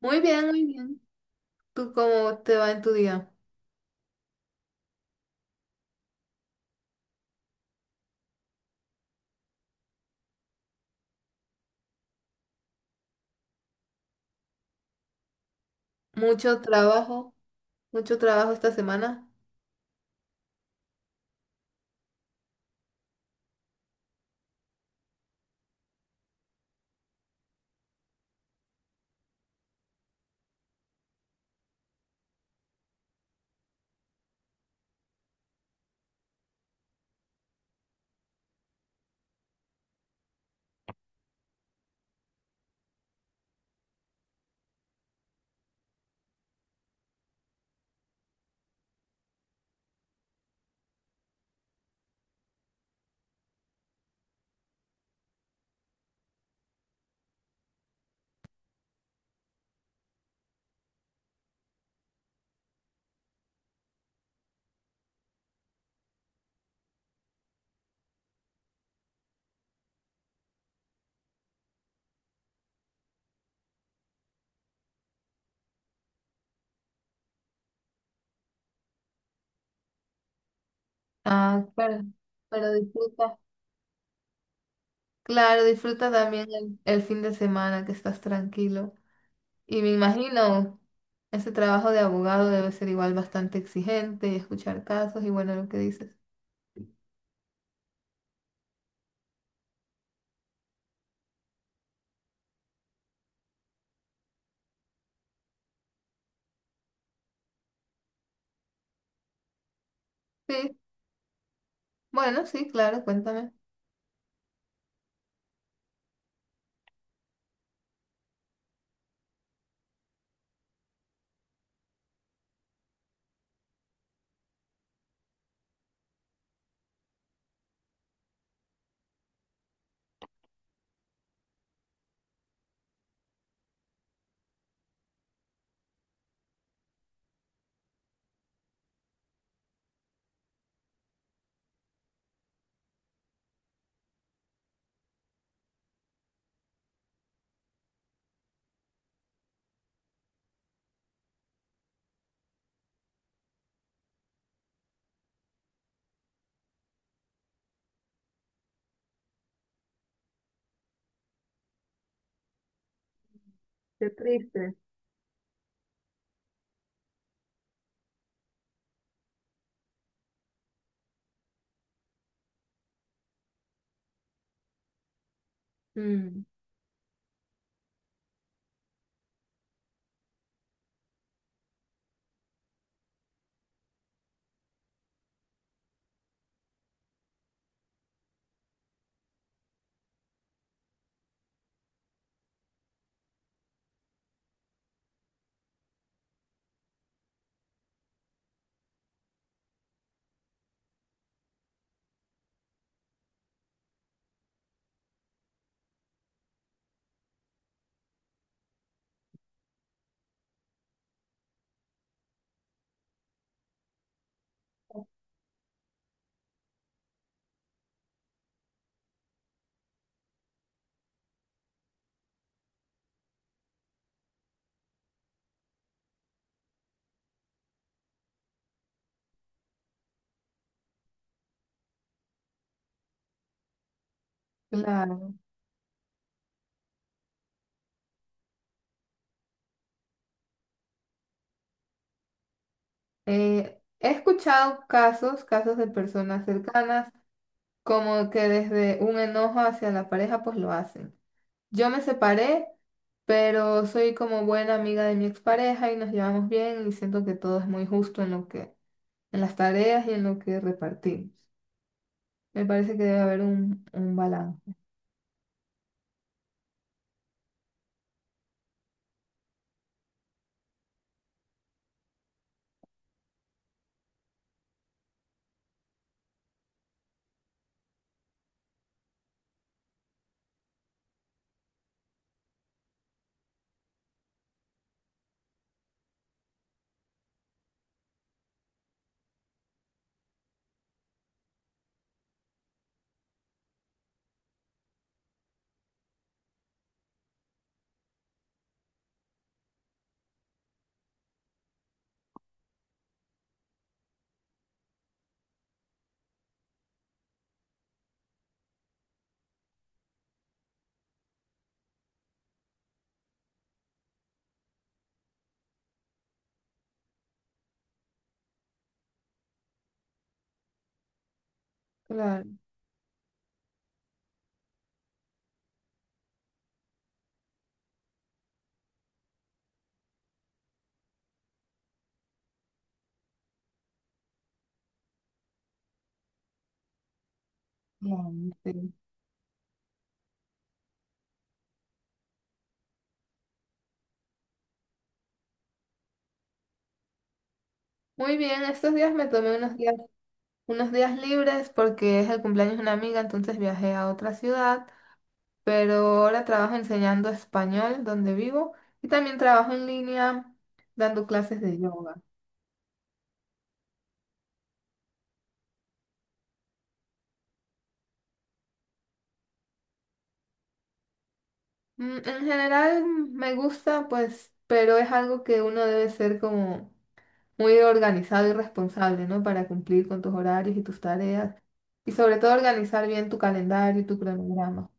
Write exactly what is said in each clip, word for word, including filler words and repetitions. Muy bien, muy bien. ¿Tú cómo te va en tu día? Mucho trabajo, mucho trabajo esta semana. Ah, claro. Pero disfruta. Claro, disfruta también el, el fin de semana que estás tranquilo. Y me imagino, ese trabajo de abogado debe ser igual bastante exigente y escuchar casos y bueno, lo que dices. Sí, bueno, sí, claro, cuéntame. Qué triste. Mm, claro. Eh, he escuchado casos, casos de personas cercanas como que desde un enojo hacia la pareja, pues lo hacen. Yo me separé, pero soy como buena amiga de mi expareja y nos llevamos bien y siento que todo es muy justo en lo que, en las tareas y en lo que repartimos. Me parece que debe haber un, un balance. Claro, claro, sí. Muy bien, estos días me tomé unos días, unos días libres porque es el cumpleaños de una amiga, entonces viajé a otra ciudad. Pero ahora trabajo enseñando español donde vivo y también trabajo en línea dando clases de yoga. Mm, en general mm, me gusta, pues, pero es algo que uno debe ser como muy organizado y responsable, ¿no? Para cumplir con tus horarios y tus tareas y sobre todo organizar bien tu calendario y tu cronograma.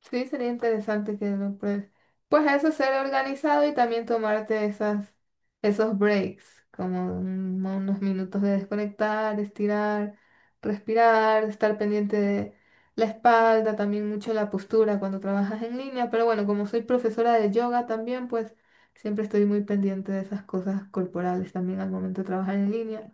Sí, sería interesante que lo pruebes. Pues eso, ser organizado y también tomarte esas, esos breaks, como un- unos minutos de desconectar, estirar, respirar, estar pendiente de la espalda, también mucho la postura cuando trabajas en línea. Pero bueno, como soy profesora de yoga también, pues siempre estoy muy pendiente de esas cosas corporales también al momento de trabajar en línea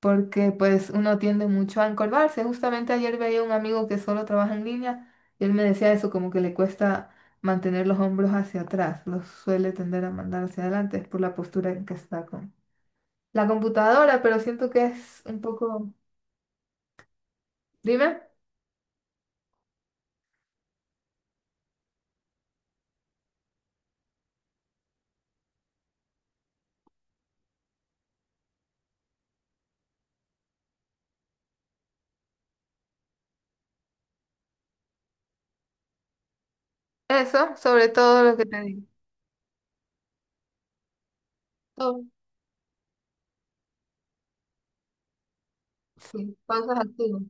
porque pues uno tiende mucho a encorvarse. Justamente ayer veía un amigo que solo trabaja en línea y él me decía eso, como que le cuesta mantener los hombros hacia atrás, los suele tender a mandar hacia adelante, es por la postura en que está con la computadora, pero siento que es un poco... Dime, eso, sobre todo lo que te digo. Todo, sí, pausas activas.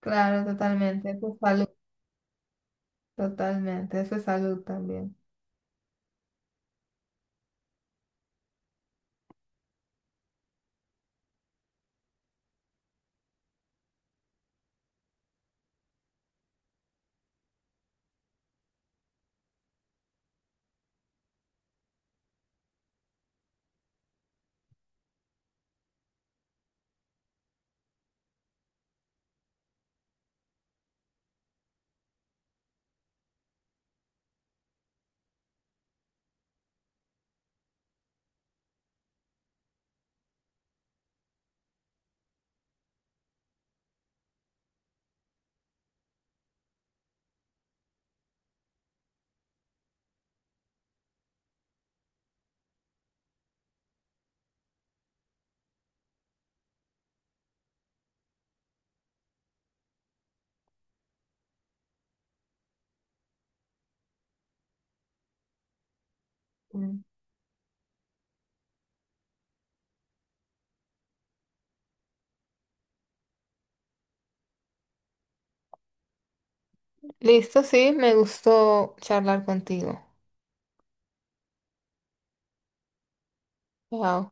Claro, totalmente, eso es salud, totalmente, eso es salud también. Mm. Listo, sí, me gustó charlar contigo. Chao.